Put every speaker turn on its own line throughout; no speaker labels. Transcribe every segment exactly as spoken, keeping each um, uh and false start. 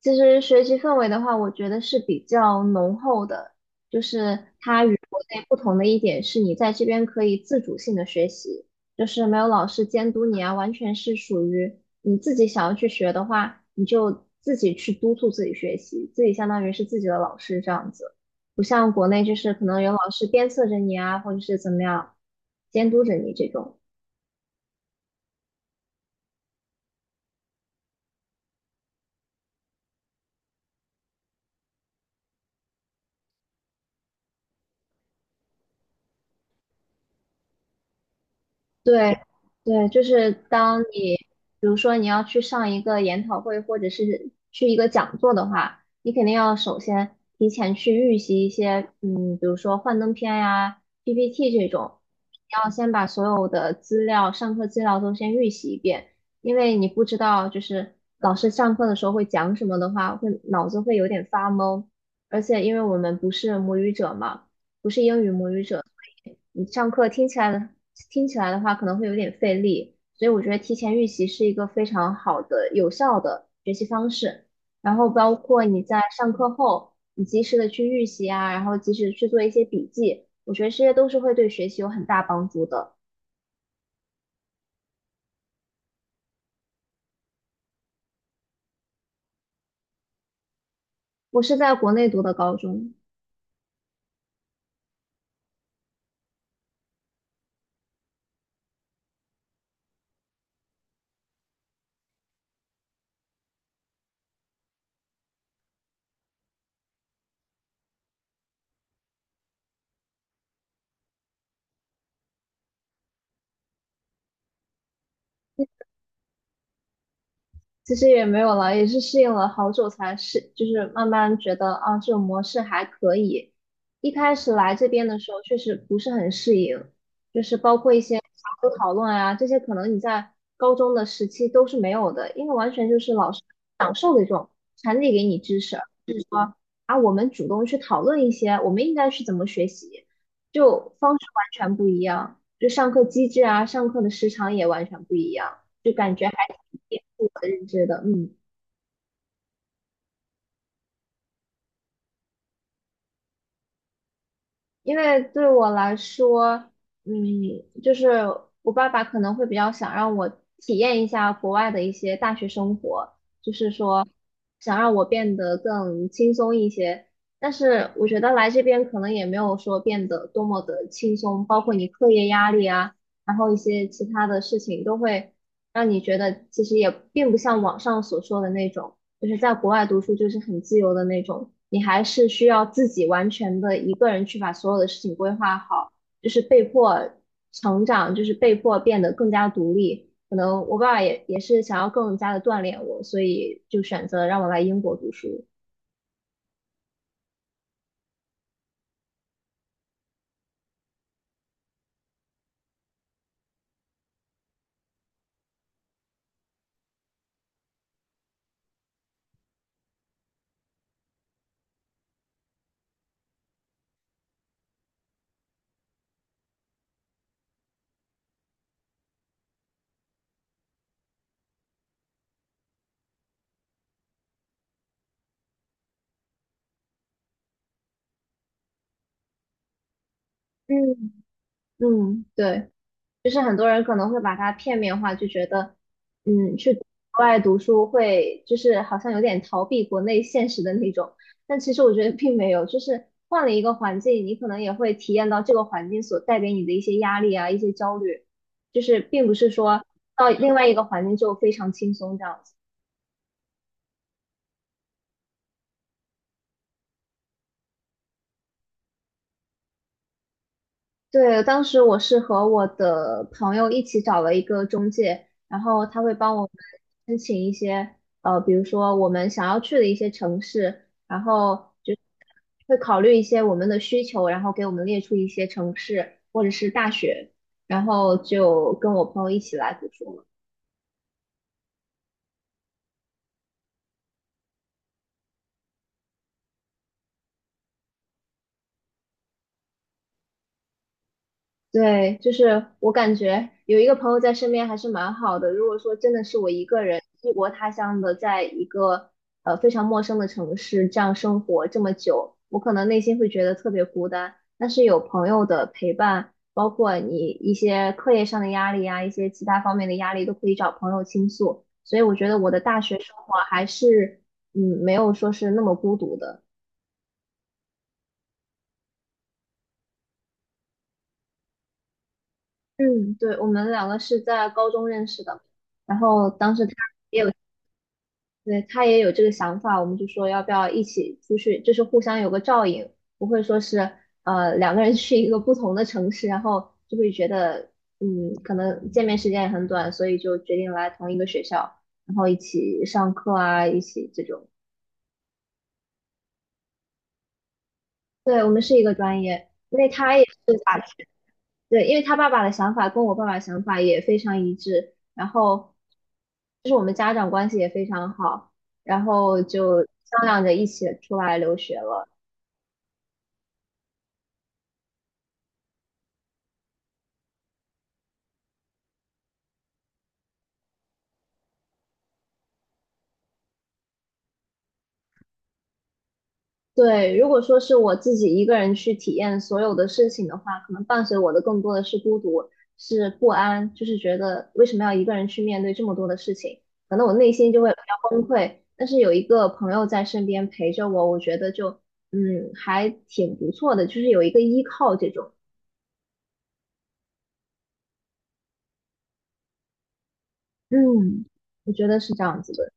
其实学习氛围的话，我觉得是比较浓厚的，就是它与国内不同的一点是，你在这边可以自主性的学习，就是没有老师监督你啊，完全是属于你自己想要去学的话，你就自己去督促自己学习，自己相当于是自己的老师这样子，不像国内就是可能有老师鞭策着你啊，或者是怎么样监督着你这种。对，对，就是当你，比如说你要去上一个研讨会，或者是去一个讲座的话，你肯定要首先提前去预习一些，嗯，比如说幻灯片呀、P P T 这种，你要先把所有的资料、上课资料都先预习一遍，因为你不知道就是老师上课的时候会讲什么的话，会脑子会有点发懵，而且因为我们不是母语者嘛，不是英语母语者。你上课听起来的听起来的话，可能会有点费力，所以我觉得提前预习是一个非常好的、有效的学习方式。然后包括你在上课后，你及时的去预习啊，然后及时去做一些笔记，我觉得这些都是会对学习有很大帮助的。我是在国内读的高中，其实也没有了，也是适应了好久才适，就是慢慢觉得啊，这种模式还可以。一开始来这边的时候，确实不是很适应，就是包括一些小组讨论啊，这些可能你在高中的时期都是没有的，因为完全就是老师讲授的这种传递给你知识，就是说啊，我们主动去讨论一些我们应该去怎么学习，就方式完全不一样，就上课机制啊，上课的时长也完全不一样。就感觉还挺颠覆我的认知的，嗯，因为对我来说，嗯，就是我爸爸可能会比较想让我体验一下国外的一些大学生活，就是说想让我变得更轻松一些。但是我觉得来这边可能也没有说变得多么的轻松，包括你课业压力啊，然后一些其他的事情都会让你觉得其实也并不像网上所说的那种。就是在国外读书就是很自由的那种，你还是需要自己完全的一个人去把所有的事情规划好，就是被迫成长，就是被迫变得更加独立。可能我爸爸也也是想要更加的锻炼我，所以就选择让我来英国读书。嗯，嗯，对。就是很多人可能会把它片面化，就觉得，嗯，去国外读书会就是好像有点逃避国内现实的那种，但其实我觉得并没有，就是换了一个环境，你可能也会体验到这个环境所带给你的一些压力啊，一些焦虑，就是并不是说到另外一个环境就非常轻松这样子。对，当时我是和我的朋友一起找了一个中介，然后他会帮我们申请一些，呃，比如说我们想要去的一些城市，然后就会考虑一些我们的需求，然后给我们列出一些城市或者是大学，然后就跟我朋友一起来读书。对，就是我感觉有一个朋友在身边还是蛮好的。如果说真的是我一个人异国他乡的，在一个呃非常陌生的城市这样生活这么久，我可能内心会觉得特别孤单。但是有朋友的陪伴，包括你一些课业上的压力啊，一些其他方面的压力，都可以找朋友倾诉。所以我觉得我的大学生活还是嗯没有说是那么孤独的。嗯，对，我们两个是在高中认识的。然后当时他对，他也有这个想法，我们就说要不要一起出去，就是互相有个照应，不会说是呃两个人去一个不同的城市，然后就会觉得嗯可能见面时间也很短，所以就决定来同一个学校，然后一起上课啊，一起这种。对，我们是一个专业，因为他也对，因为他爸爸的想法跟我爸爸想法也非常一致，然后就是我们家长关系也非常好，然后就商量着一起出来留学了。对，如果说是我自己一个人去体验所有的事情的话，可能伴随我的更多的是孤独，是不安，就是觉得为什么要一个人去面对这么多的事情，可能我内心就会比较崩溃。但是有一个朋友在身边陪着我，我觉得就嗯还挺不错的，就是有一个依靠这种，嗯，我觉得是这样子的。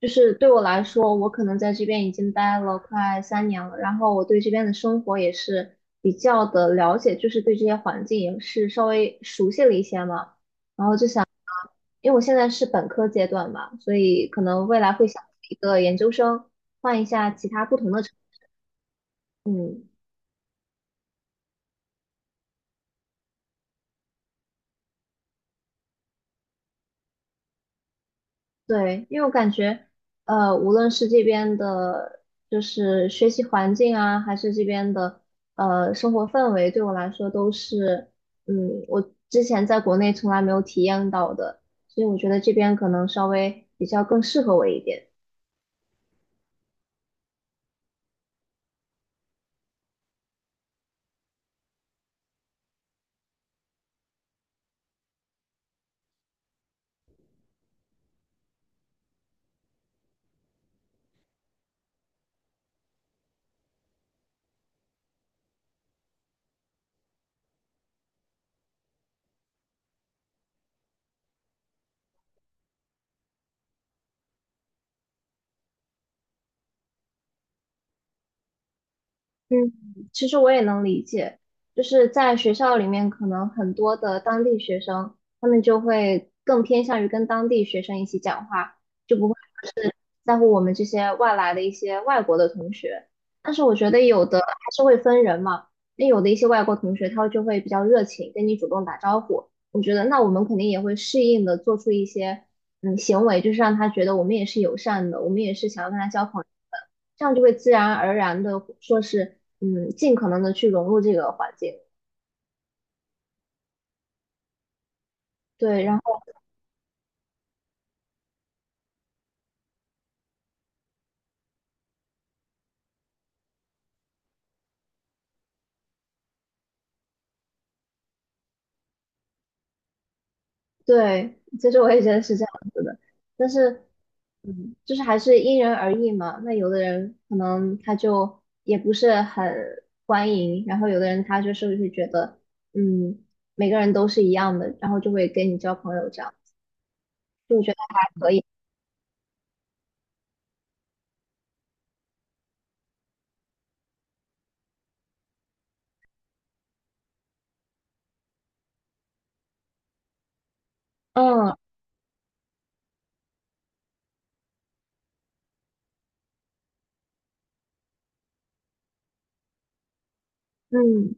就是对我来说，我可能在这边已经待了快三年了，然后我对这边的生活也是比较的了解，就是对这些环境也是稍微熟悉了一些嘛。因为我现在是本科阶段嘛，所以可能未来会想一个研究生，换一下其他不同的城，嗯。对，因为我感觉，呃，无论是这边的，就是学习环境啊，还是这边的，呃，生活氛围，对我来说都是，嗯，我之前在国内从来没有体验到的，所以我觉得这边可能稍微比较更适合我一点。嗯，其实我也能理解，就是在学校里面，可能很多的当地学生，他们就会更偏向于跟当地学生一起讲话。就不会。在乎我们这些外来的一些外国的同学。但是我觉得有的还是会分人嘛，那有的一些外国同学他就会比较热情，跟你主动打招呼。我觉得那我们肯定也会适应的做出一些嗯行为，就是让他觉得我们也是友善的，我们也是想要跟他交朋友，这样就会自然而然的说是嗯尽可能的去融入这个环境。对，然后。对，其实我也觉得是这样子的，但是，嗯，就是还是因人而异嘛。那有的人可能他就也不是很欢迎，然后有的人他就是会觉得，嗯，每个人都是一样的，然后就会跟你交朋友这样，就我觉得可以。嗯嗯，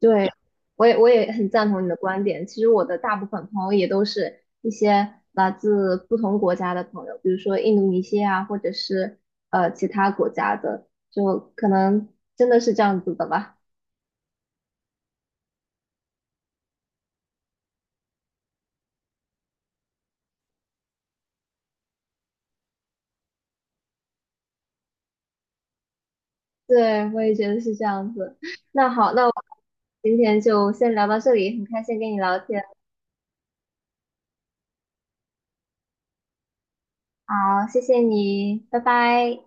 对，我也我也很赞同你的观点。其实我的大部分朋友也都是一些来自不同国家的朋友，比如说印度尼西亚或者是呃其他国家的，就可能真的是这样子的吧。对，我也觉得是这样子。那好，那我今天就先聊到这里，很开心跟你聊天。好，谢谢你，拜拜。